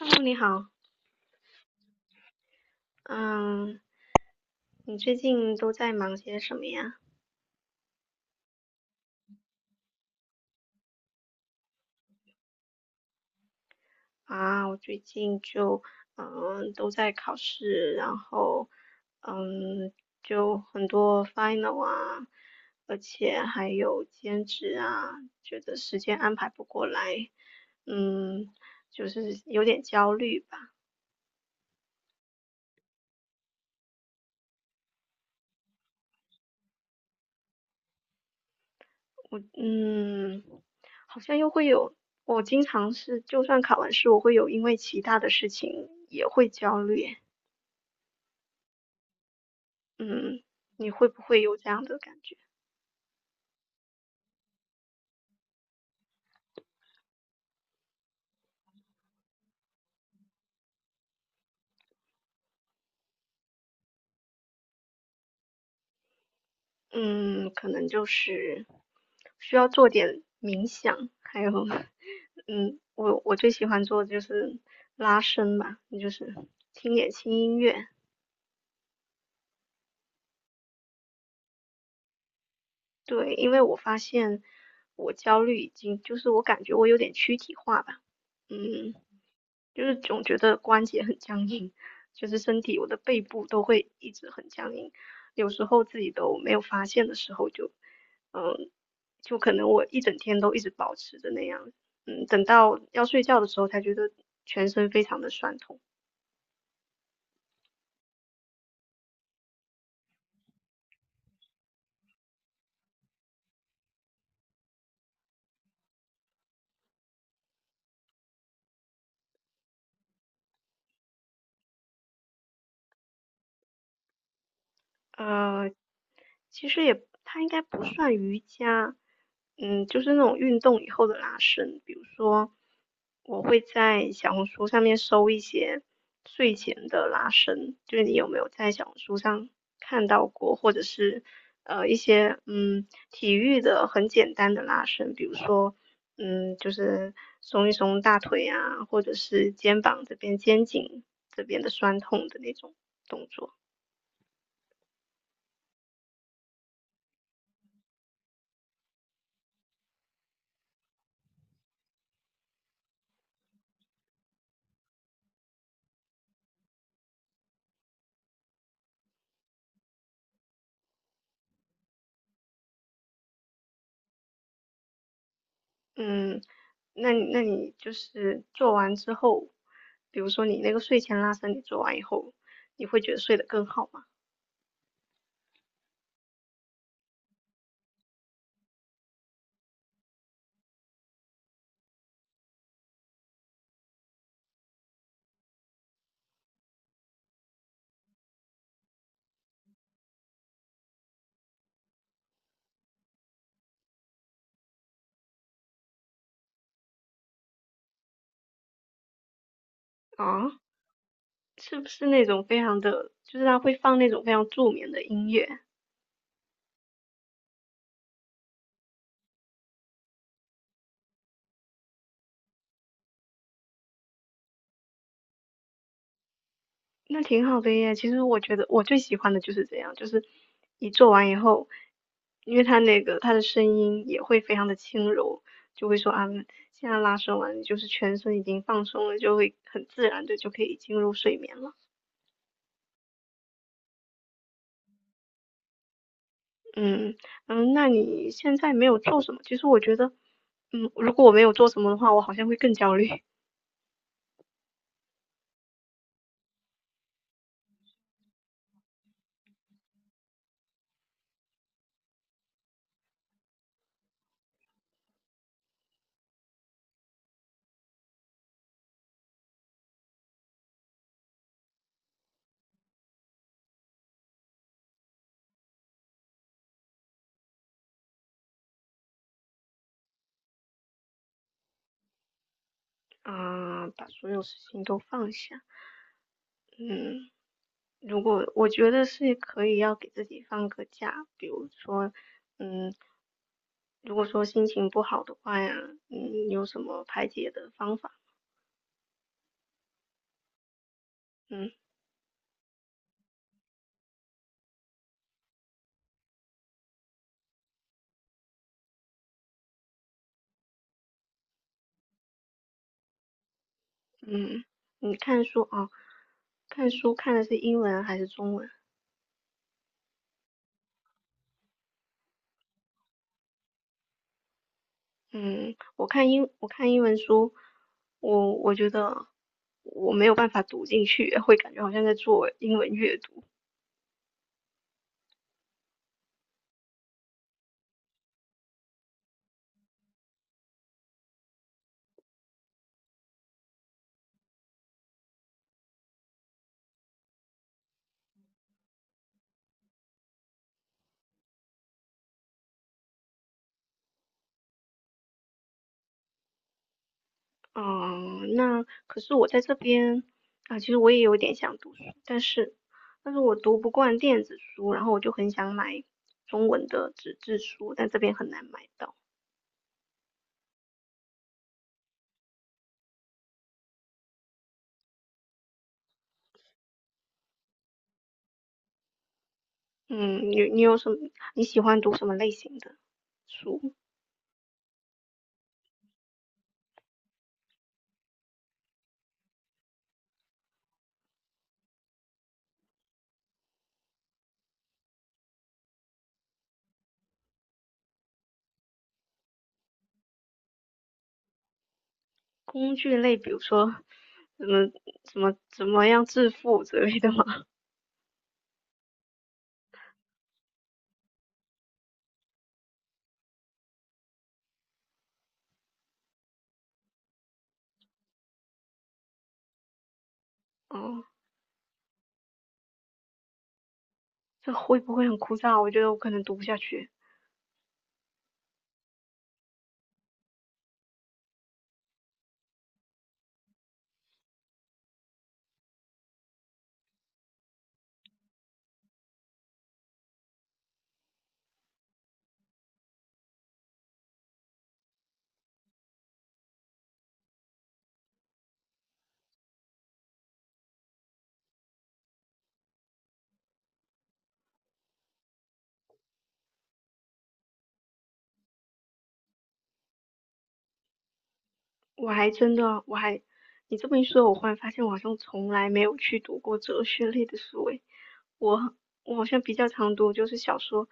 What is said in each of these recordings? h e 你好，嗯，你最近都在忙些什么呀？啊，我最近就都在考试，然后嗯就很多 final 啊，而且还有兼职啊，觉得时间安排不过来，嗯，就是有点焦虑吧。嗯，好像又会有，我经常是就算考完试，我会有因为其他的事情也会焦虑。嗯，你会不会有这样的感觉？嗯，可能就是需要做点冥想，还有，我最喜欢做的就是拉伸吧，就是听点轻音乐。对，因为我发现我焦虑已经，就是我感觉我有点躯体化吧。嗯，就是总觉得关节很僵硬，就是身体我的背部都会一直很僵硬，有时候自己都没有发现的时候就，嗯，就可能我一整天都一直保持着那样，嗯，等到要睡觉的时候才觉得全身非常的酸痛。呃，其实也它应该不算瑜伽。嗯，就是那种运动以后的拉伸。比如说，我会在小红书上面搜一些睡前的拉伸，就是你有没有在小红书上看到过，或者是一些体育的很简单的拉伸，比如说就是松一松大腿啊，或者是肩膀这边、肩颈这边的酸痛的那种动作。嗯，那你就是做完之后，比如说你那个睡前拉伸，你做完以后，你会觉得睡得更好吗？啊，是不是那种非常的，就是他会放那种非常助眠的音乐？那挺好的耶。其实我觉得我最喜欢的就是这样，就是你做完以后，因为他那个他的声音也会非常的轻柔，就会说啊，现在拉伸完，就是全身已经放松了，就会很自然的就可以进入睡眠了。嗯。嗯，那你现在没有做什么？其实我觉得，嗯，如果我没有做什么的话，我好像会更焦虑。啊，把所有事情都放下。嗯，如果我觉得是可以要给自己放个假，比如说，嗯，如果说心情不好的话呀，嗯，有什么排解的方法？嗯。嗯，你看书啊，看书看的是英文还是中文？嗯，我看英文书，我觉得我没有办法读进去，会感觉好像在做英文阅读。嗯，那可是我在这边啊，其实我也有点想读书，但是我读不惯电子书，然后我就很想买中文的纸质书，但这边很难买到。嗯，你有什么你喜欢读什么类型的书？工具类，比如说什么什么怎么样致富之类的吗？哦。这会不会很枯燥？我觉得我可能读不下去。我还真的，我还，你这么一说，我忽然发现我好像从来没有去读过哲学类的书诶。我我好像比较常读就是小说，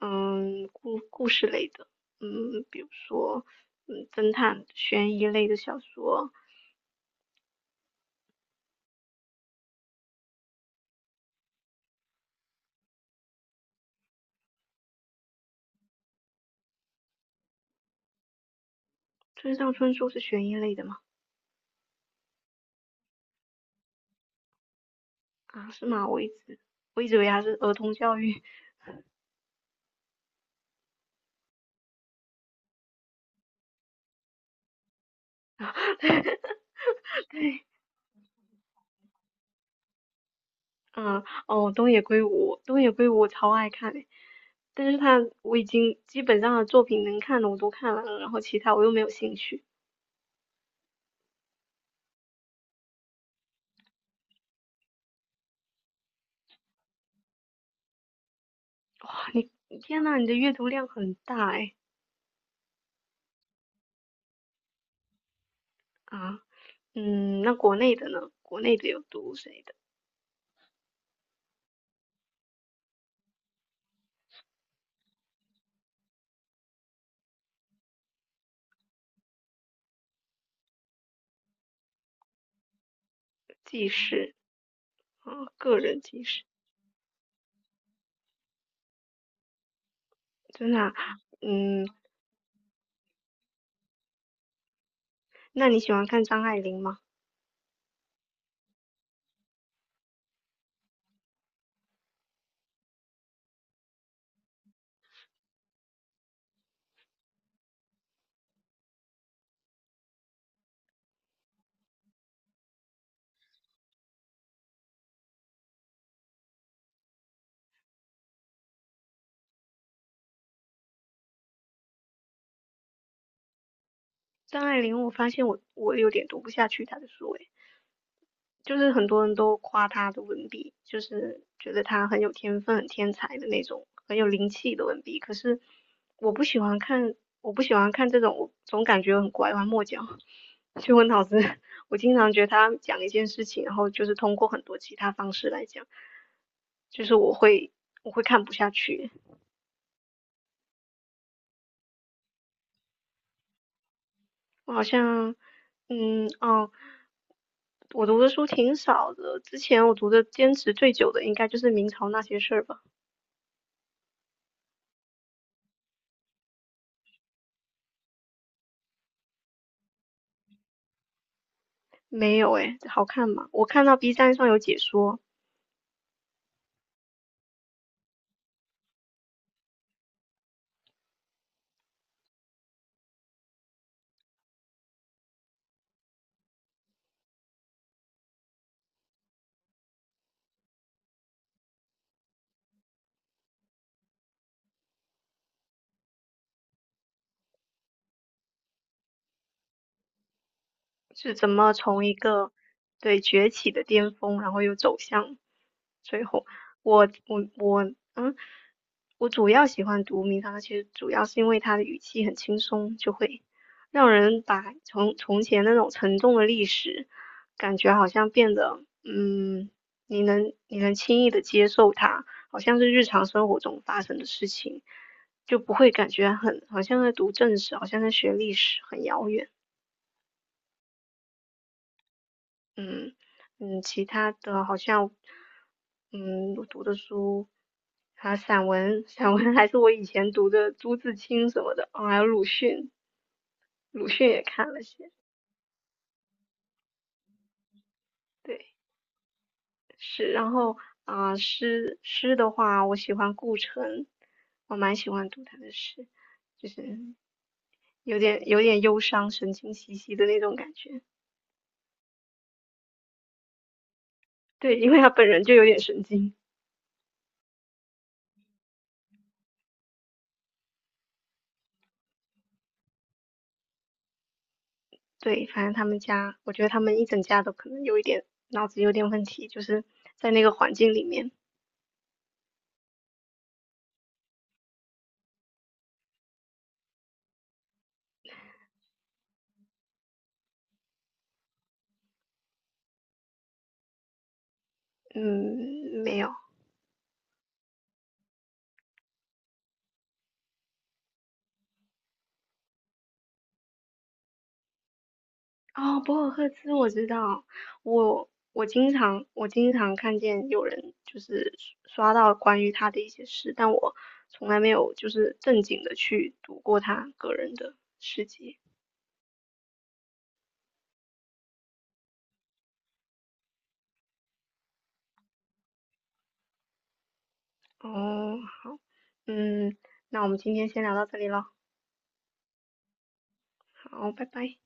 嗯，故事类的，嗯，比如说，嗯，侦探、悬疑类的小说。村上春树是悬疑类的吗？啊，是吗？我一直以为他是儿童教育。对，嗯，哦，东野圭吾，东野圭吾我超爱看的。但是他我已经基本上的作品能看的我都看完了，然后其他我又没有兴趣。你天呐，你的阅读量很大哎。啊，嗯，那国内的呢？国内的有读谁的？纪实啊，个人纪实，真的啊、嗯，那你喜欢看张爱玲吗？张爱玲，我发现我有点读不下去她的书诶。就是很多人都夸他的文笔，就是觉得他很有天分、很天才的那种，很有灵气的文笔。可是我不喜欢看，我不喜欢看这种，我总感觉很拐弯抹角。去问老师，我经常觉得他讲一件事情，然后就是通过很多其他方式来讲，就是我会看不下去。我好像，嗯，哦，我读的书挺少的，之前我读的坚持最久的应该就是明朝那些事儿吧。没有诶，好看吗？我看到 B 站上有解说。是怎么从一个对崛起的巅峰，然后又走向最后。我，嗯，我主要喜欢读明堂，其实主要是因为它的语气很轻松，就会让人把从前那种沉重的历史，感觉好像变得，嗯，你能轻易的接受它，好像是日常生活中发生的事情，就不会感觉很好像在读正史，好像在学历史，很遥远。嗯。嗯，其他的好像嗯我读的书，还有散文，散文还是我以前读的朱自清什么的，哦，还有鲁迅，鲁迅也看了些，对，是，然后啊、诗的话，我喜欢顾城，我蛮喜欢读他的诗，就是有点忧伤、神经兮兮的那种感觉，对，因为他本人就有点神经。对，反正他们家，我觉得他们一整家都可能有一点脑子有点问题，就是在那个环境里面，嗯，没有。哦，博尔赫兹我知道，我经常看见有人就是刷到关于他的一些事，但我从来没有就是正经的去读过他个人的诗集。哦，好，嗯，那我们今天先聊到这里了，好，拜拜。